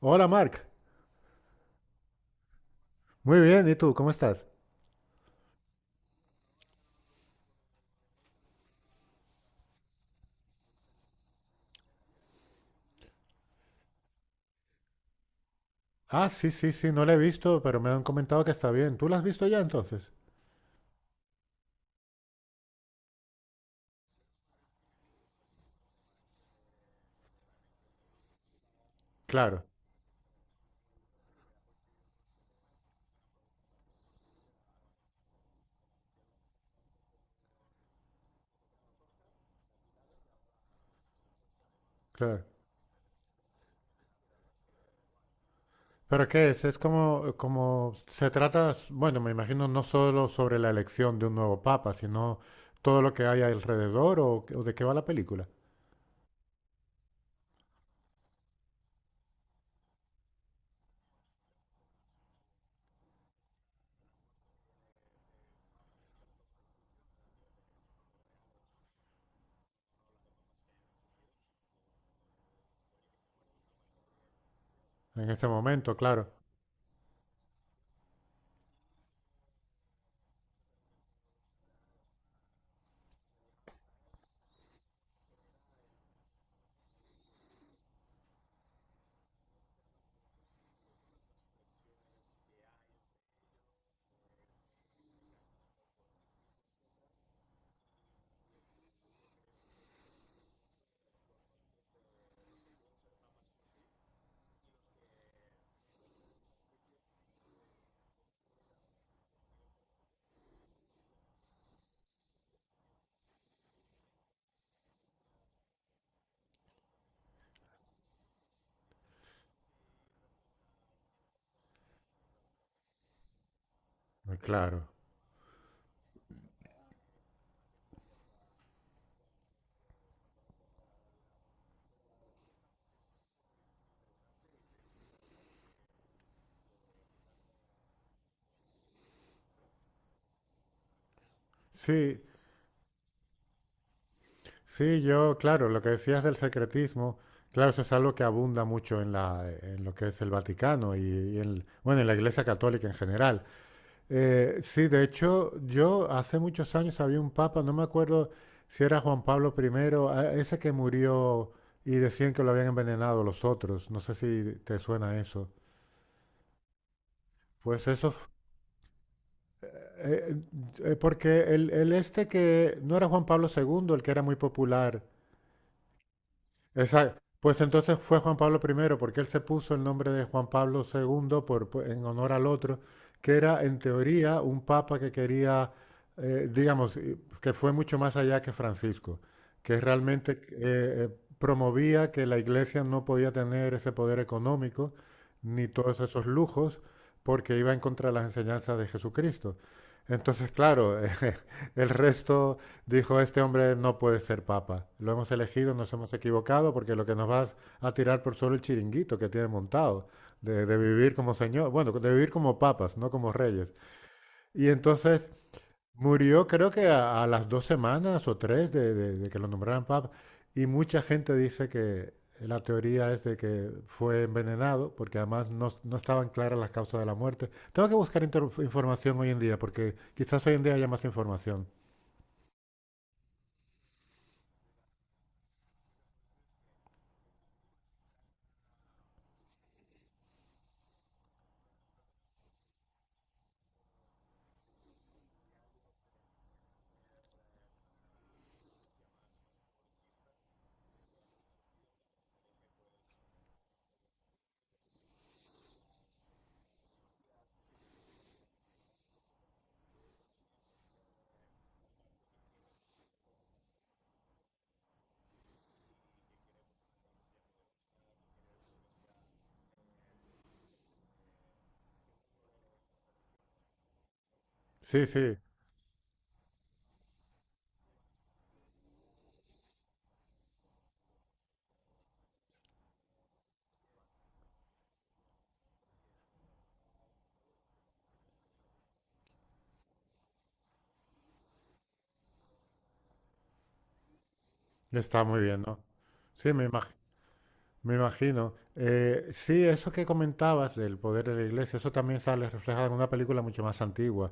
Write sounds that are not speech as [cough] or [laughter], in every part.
Hola, Mark. Muy bien, ¿y tú? ¿Cómo estás? Ah, sí, sí, sí, no la he visto, pero me han comentado que está bien. ¿Tú la has visto ya entonces? Claro, claro. ¿Pero qué es? Es como, como se trata, bueno, me imagino no solo sobre la elección de un nuevo papa, sino todo lo que hay alrededor o de qué va la película. En ese momento, claro. Claro. Sí, sí, yo, claro, lo que decías del secretismo, claro, eso es algo que abunda mucho en la, en lo que es el Vaticano y en, bueno, en la Iglesia Católica en general. Sí, de hecho, yo hace muchos años había un papa, no me acuerdo si era Juan Pablo primero, ese que murió y decían que lo habían envenenado los otros. No sé si te suena eso. Pues eso, eh, porque el este que no era Juan Pablo segundo, el que era muy popular. Exacto. Pues entonces fue Juan Pablo primero porque él se puso el nombre de Juan Pablo segundo por, en honor al otro, que era en teoría un papa que quería, digamos, que fue mucho más allá que Francisco, que realmente promovía que la iglesia no podía tener ese poder económico ni todos esos lujos, porque iba en contra de las enseñanzas de Jesucristo. Entonces, claro, [laughs] el resto dijo, este hombre no puede ser papa. Lo hemos elegido, nos hemos equivocado, porque lo que nos vas a tirar por solo el chiringuito que tiene montado, de vivir como señor, bueno, de vivir como papas, no como reyes. Y entonces murió creo que a las 2 semanas o tres de, de que lo nombraran papa. Y mucha gente dice que la teoría es de que fue envenenado, porque además no, no estaban claras las causas de la muerte. Tengo que buscar información hoy en día, porque quizás hoy en día haya más información. Sí, sí. Está muy bien, ¿no? Sí, me imagino. Sí, eso que comentabas del poder de la iglesia, eso también sale reflejado en una película mucho más antigua,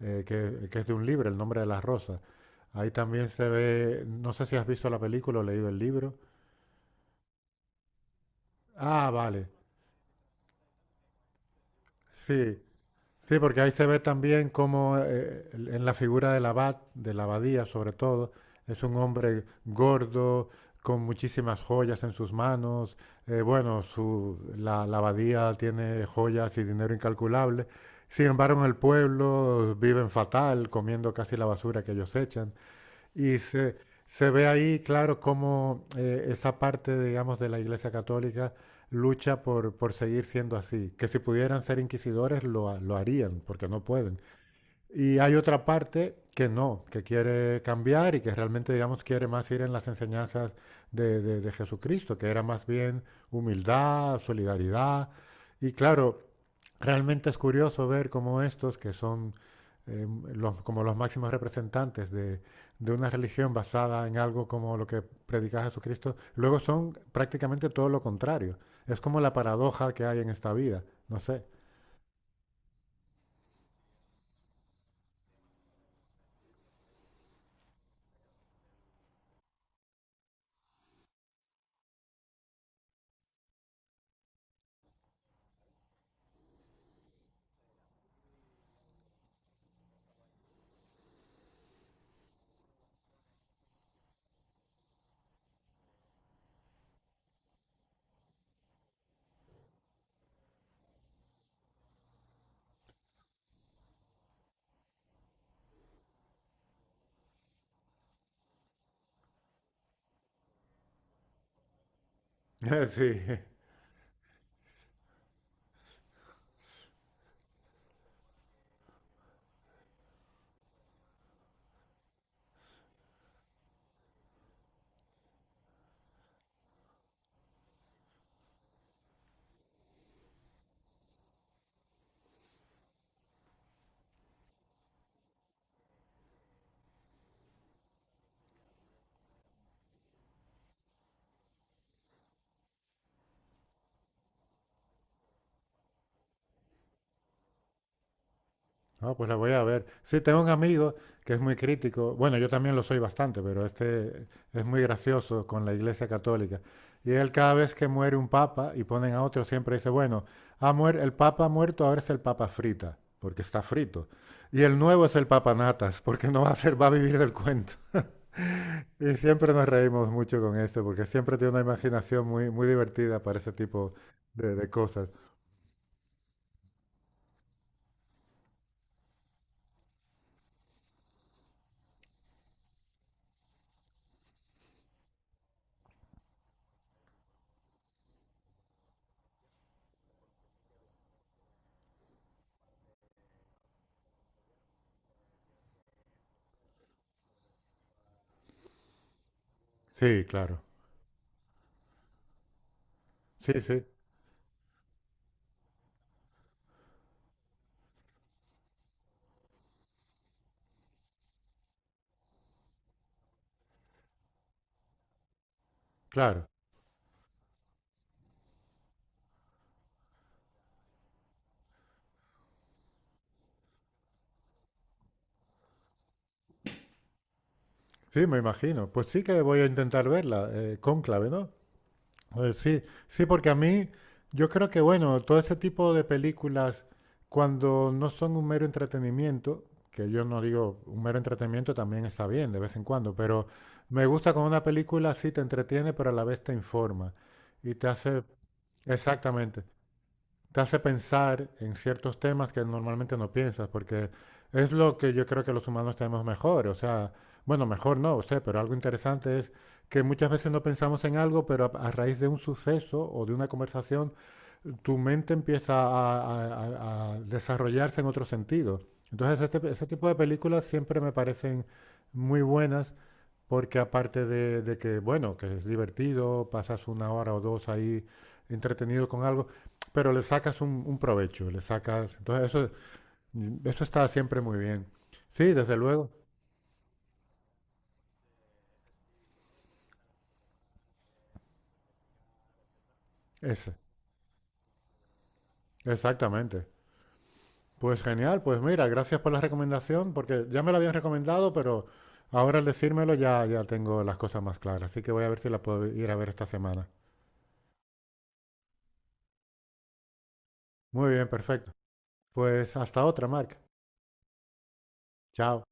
que es de un libro, El nombre de las rosas. Ahí también se ve, no sé si has visto la película o leído el libro. Ah, vale, sí. Sí, porque ahí se ve también cómo en la figura del abad, de la abadía sobre todo, es un hombre gordo, con muchísimas joyas en sus manos. Bueno, su, la abadía tiene joyas y dinero incalculable. Sin embargo, en el pueblo viven fatal, comiendo casi la basura que ellos echan. Y se ve ahí, claro, cómo esa parte, digamos, de la Iglesia Católica lucha por seguir siendo así. Que si pudieran ser inquisidores, lo, lo harían, porque no pueden. Y hay otra parte que no, que quiere cambiar y que realmente, digamos, quiere más ir en las enseñanzas de, de Jesucristo, que era más bien humildad, solidaridad. Y claro, realmente es curioso ver cómo estos, que son eh, como los máximos representantes de una religión basada en algo como lo que predica Jesucristo, luego son prácticamente todo lo contrario. Es como la paradoja que hay en esta vida, no sé. [laughs] Sí. Ah, pues la voy a ver. Sí, tengo un amigo que es muy crítico. Bueno, yo también lo soy bastante, pero este es muy gracioso con la Iglesia Católica. Y él cada vez que muere un papa y ponen a otro, siempre dice, bueno, el papa ha muerto, ahora es el papa frita, porque está frito. Y el nuevo es el papa natas, porque no va a ser, va a vivir del cuento. [laughs] Y siempre nos reímos mucho con esto, porque siempre tiene una imaginación muy, muy divertida para ese tipo de cosas. Sí, claro. Sí, sí, claro. Sí, me imagino. Pues sí que voy a intentar verla, Cónclave, ¿no? Sí, sí, porque a mí, yo creo que, bueno, todo ese tipo de películas, cuando no son un mero entretenimiento, que yo no digo un mero entretenimiento también está bien de vez en cuando, pero me gusta cuando una película sí te entretiene, pero a la vez te informa y te hace... Exactamente te hace pensar en ciertos temas que normalmente no piensas, porque es lo que yo creo que los humanos tenemos mejor. O sea, bueno, mejor no, sé, pero algo interesante es que muchas veces no pensamos en algo, pero a- raíz de un suceso o de una conversación, tu mente empieza a, a desarrollarse en otro sentido. Entonces, este, ese tipo de películas siempre me parecen muy buenas porque aparte de que, bueno, que es divertido, pasas una hora o dos ahí entretenido con algo, pero le sacas un provecho, le sacas... Entonces eso está siempre muy bien. Sí, desde luego. Es, exactamente. Pues genial, pues mira, gracias por la recomendación, porque ya me la habían recomendado, pero ahora al decírmelo ya, ya tengo las cosas más claras. Así que voy a ver si la puedo ir a ver esta semana. Muy bien, perfecto. Pues hasta otra, Marc. Chao.